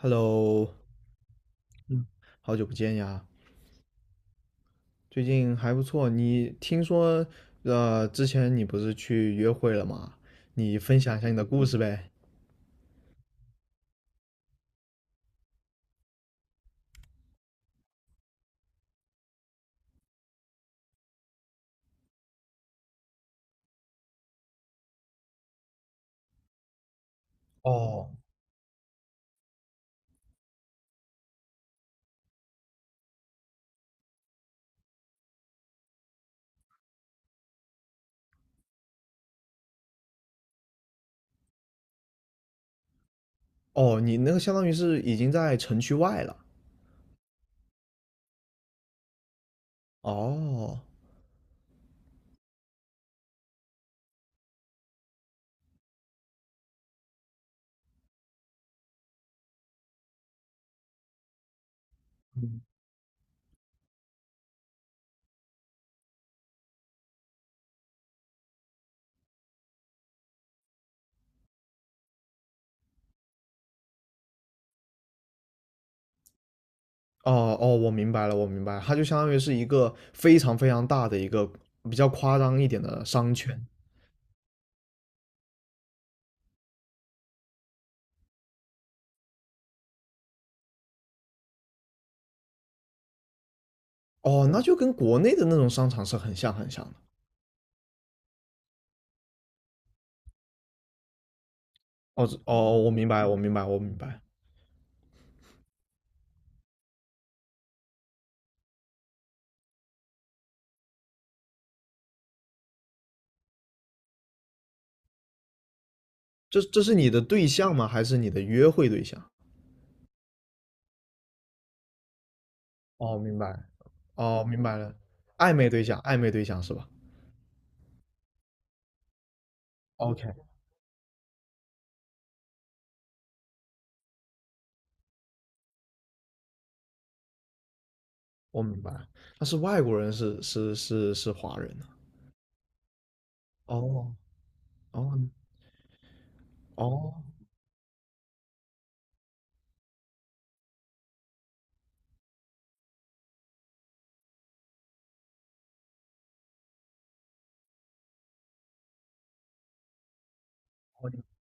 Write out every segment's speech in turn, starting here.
Hello，好久不见呀，最近还不错。你听说，之前你不是去约会了吗？你分享一下你的故事呗。哦，哦，你那个相当于是已经在城区外了。哦，嗯哦，哦，我明白了，我明白了它就相当于是一个非常非常大的一个比较夸张一点的商圈。哦，那就跟国内的那种商场是很像很像的。哦，哦，我明白，我明白，我明白。这是你的对象吗？还是你的约会对象？哦，明白，哦，明白了，暧昧对象，暧昧对象是吧？OK，我明白了。但是外国人是华人呢、哦哦哦哦，你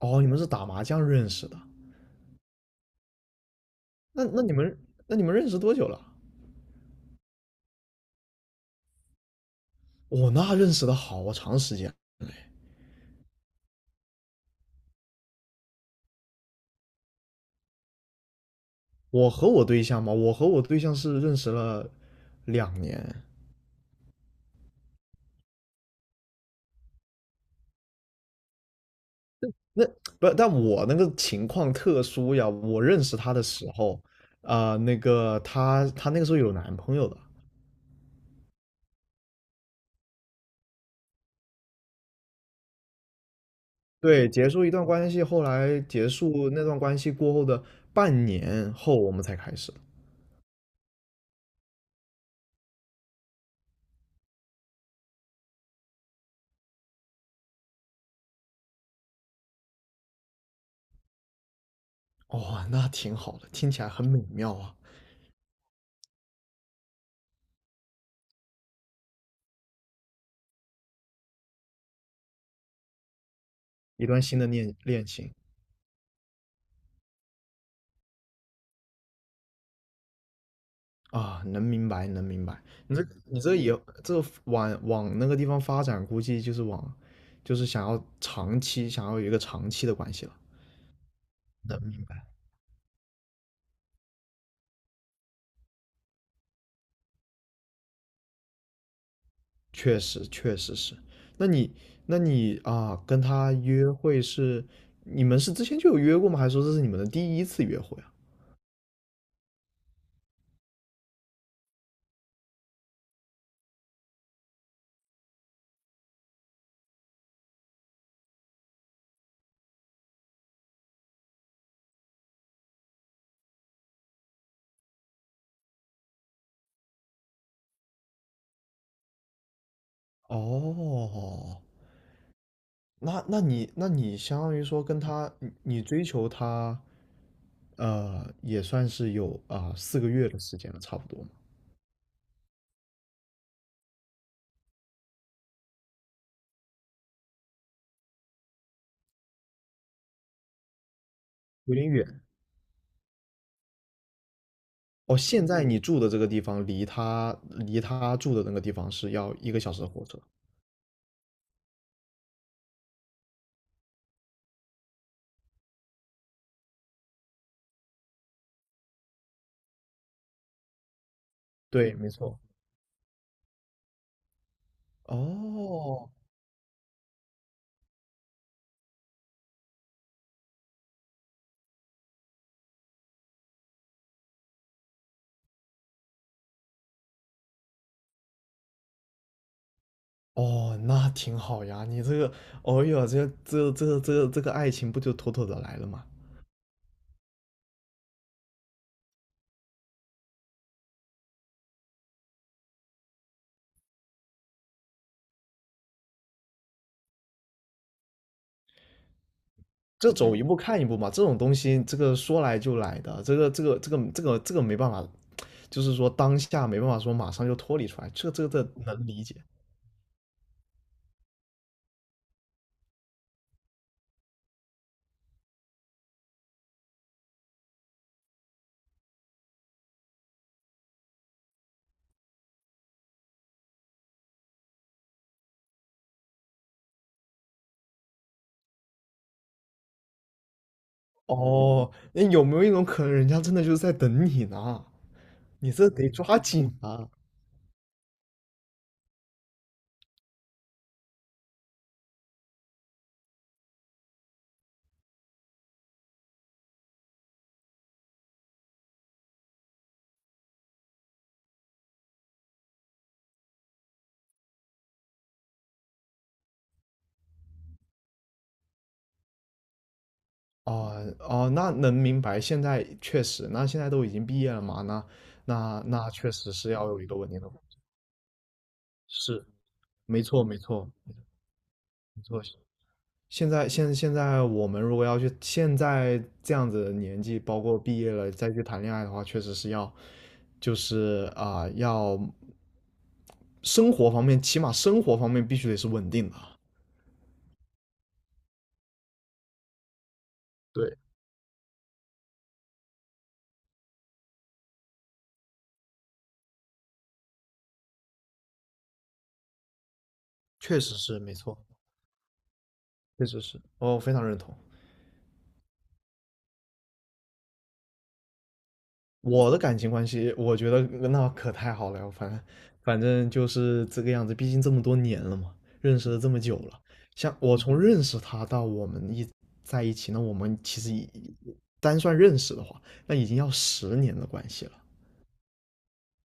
哦你们是打麻将认识的？那那你们那你们认识多久了？那认识的好长时间。我和我对象嘛，我和我对象是认识了2年。那不，但我那个情况特殊呀。我认识他的时候，那个他那个时候有男朋友的。对，结束一段关系，后来结束那段关系过后的半年后，我们才开始。哦，那挺好的，听起来很美妙啊！一段新的恋情啊，能明白，能明白。你这以后这往那个地方发展，估计就是往，就是想要长期，想要有一个长期的关系了。确实，确实是。那你那你，跟他约会是你们是之前就有约过吗？还是说这是你们的第一次约会啊？哦，那你相当于说跟他，你追求他，也算是有4个月的时间了，差不多嘛，有点远。哦，现在你住的这个地方离他住的那个地方是要1个小时的火车。对，没错。哦哦，那挺好呀，你这个，哦哟，这个爱情不就妥妥的来了吗？这走一步看一步嘛，这种东西，这个说来就来的，这个没办法，就是说当下没办法说马上就脱离出来，这能理解。哦，那有没有一种可能，人家真的就是在等你呢？你这得抓紧啊！哦哦，那能明白。现在确实，那现在都已经毕业了嘛，那确实是要有一个稳定的工作，是，没错没错没错。现在我们如果要去现在这样子的年纪，包括毕业了再去谈恋爱的话，确实是要，就是要生活方面，起码生活方面必须得是稳定的。对，确实是没错，确实是，哦，非常认同。我的感情关系，我觉得那可太好了，反正就是这个样子，毕竟这么多年了嘛，认识了这么久了，像我从认识他到我们在一起，那我们其实单算认识的话，那已经要10年的关系了，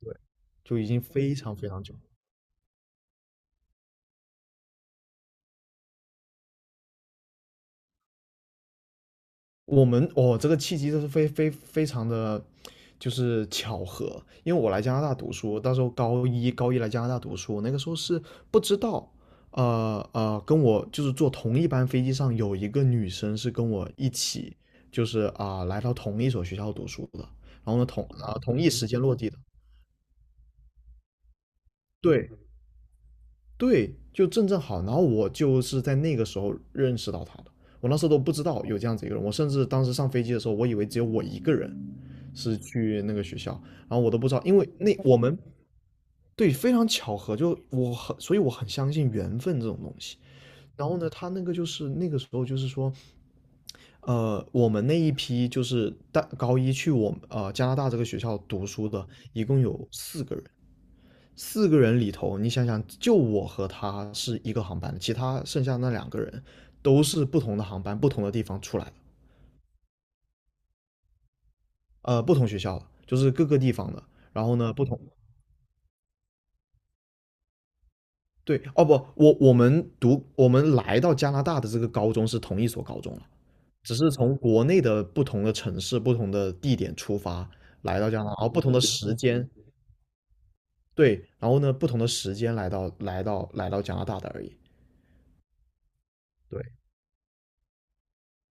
对，就已经非常非常久。我们哦，这个契机就是非常的，就是巧合。因为我来加拿大读书，到时候高一来加拿大读书，那个时候是不知道，跟我就是坐同一班飞机上有一个女生是跟我一起，就是来到同一所学校读书的，然后呢同一时间落地的，对，对，就正好，然后我就是在那个时候认识到他的，我那时候都不知道有这样子一个人，我甚至当时上飞机的时候，我以为只有我一个人是去那个学校，然后我都不知道，因为那我们对非常巧合，就我很，所以我很相信缘分这种东西。然后呢，他那个就是那个时候就是说，我们那一批就是大高一去加拿大这个学校读书的，一共有四个人。四个人里头，你想想，就我和他是一个航班的其他剩下那两个人都是不同的航班、不同的地方出来的，不同学校的，就是各个地方的。然后呢，不同，对，哦不，我们来到加拿大的这个高中是同一所高中了，只是从国内的不同的城市、不同的地点出发来到加拿大，而不同的时间对，然后呢，不同的时间来到加拿大的而已。对，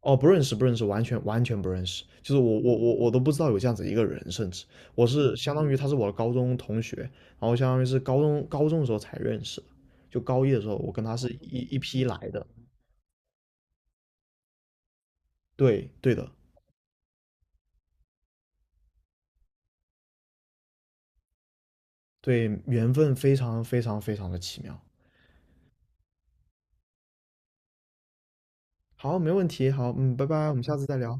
哦，不认识，不认识，完全完全不认识。就是我都不知道有这样子一个人，甚至我是相当于他是我的高中同学，然后相当于是高中的时候才认识的，就高一的时候我跟他是一批来的。对对的，对，缘分非常非常非常的奇妙。好，没问题，好，嗯，拜拜，我们下次再聊。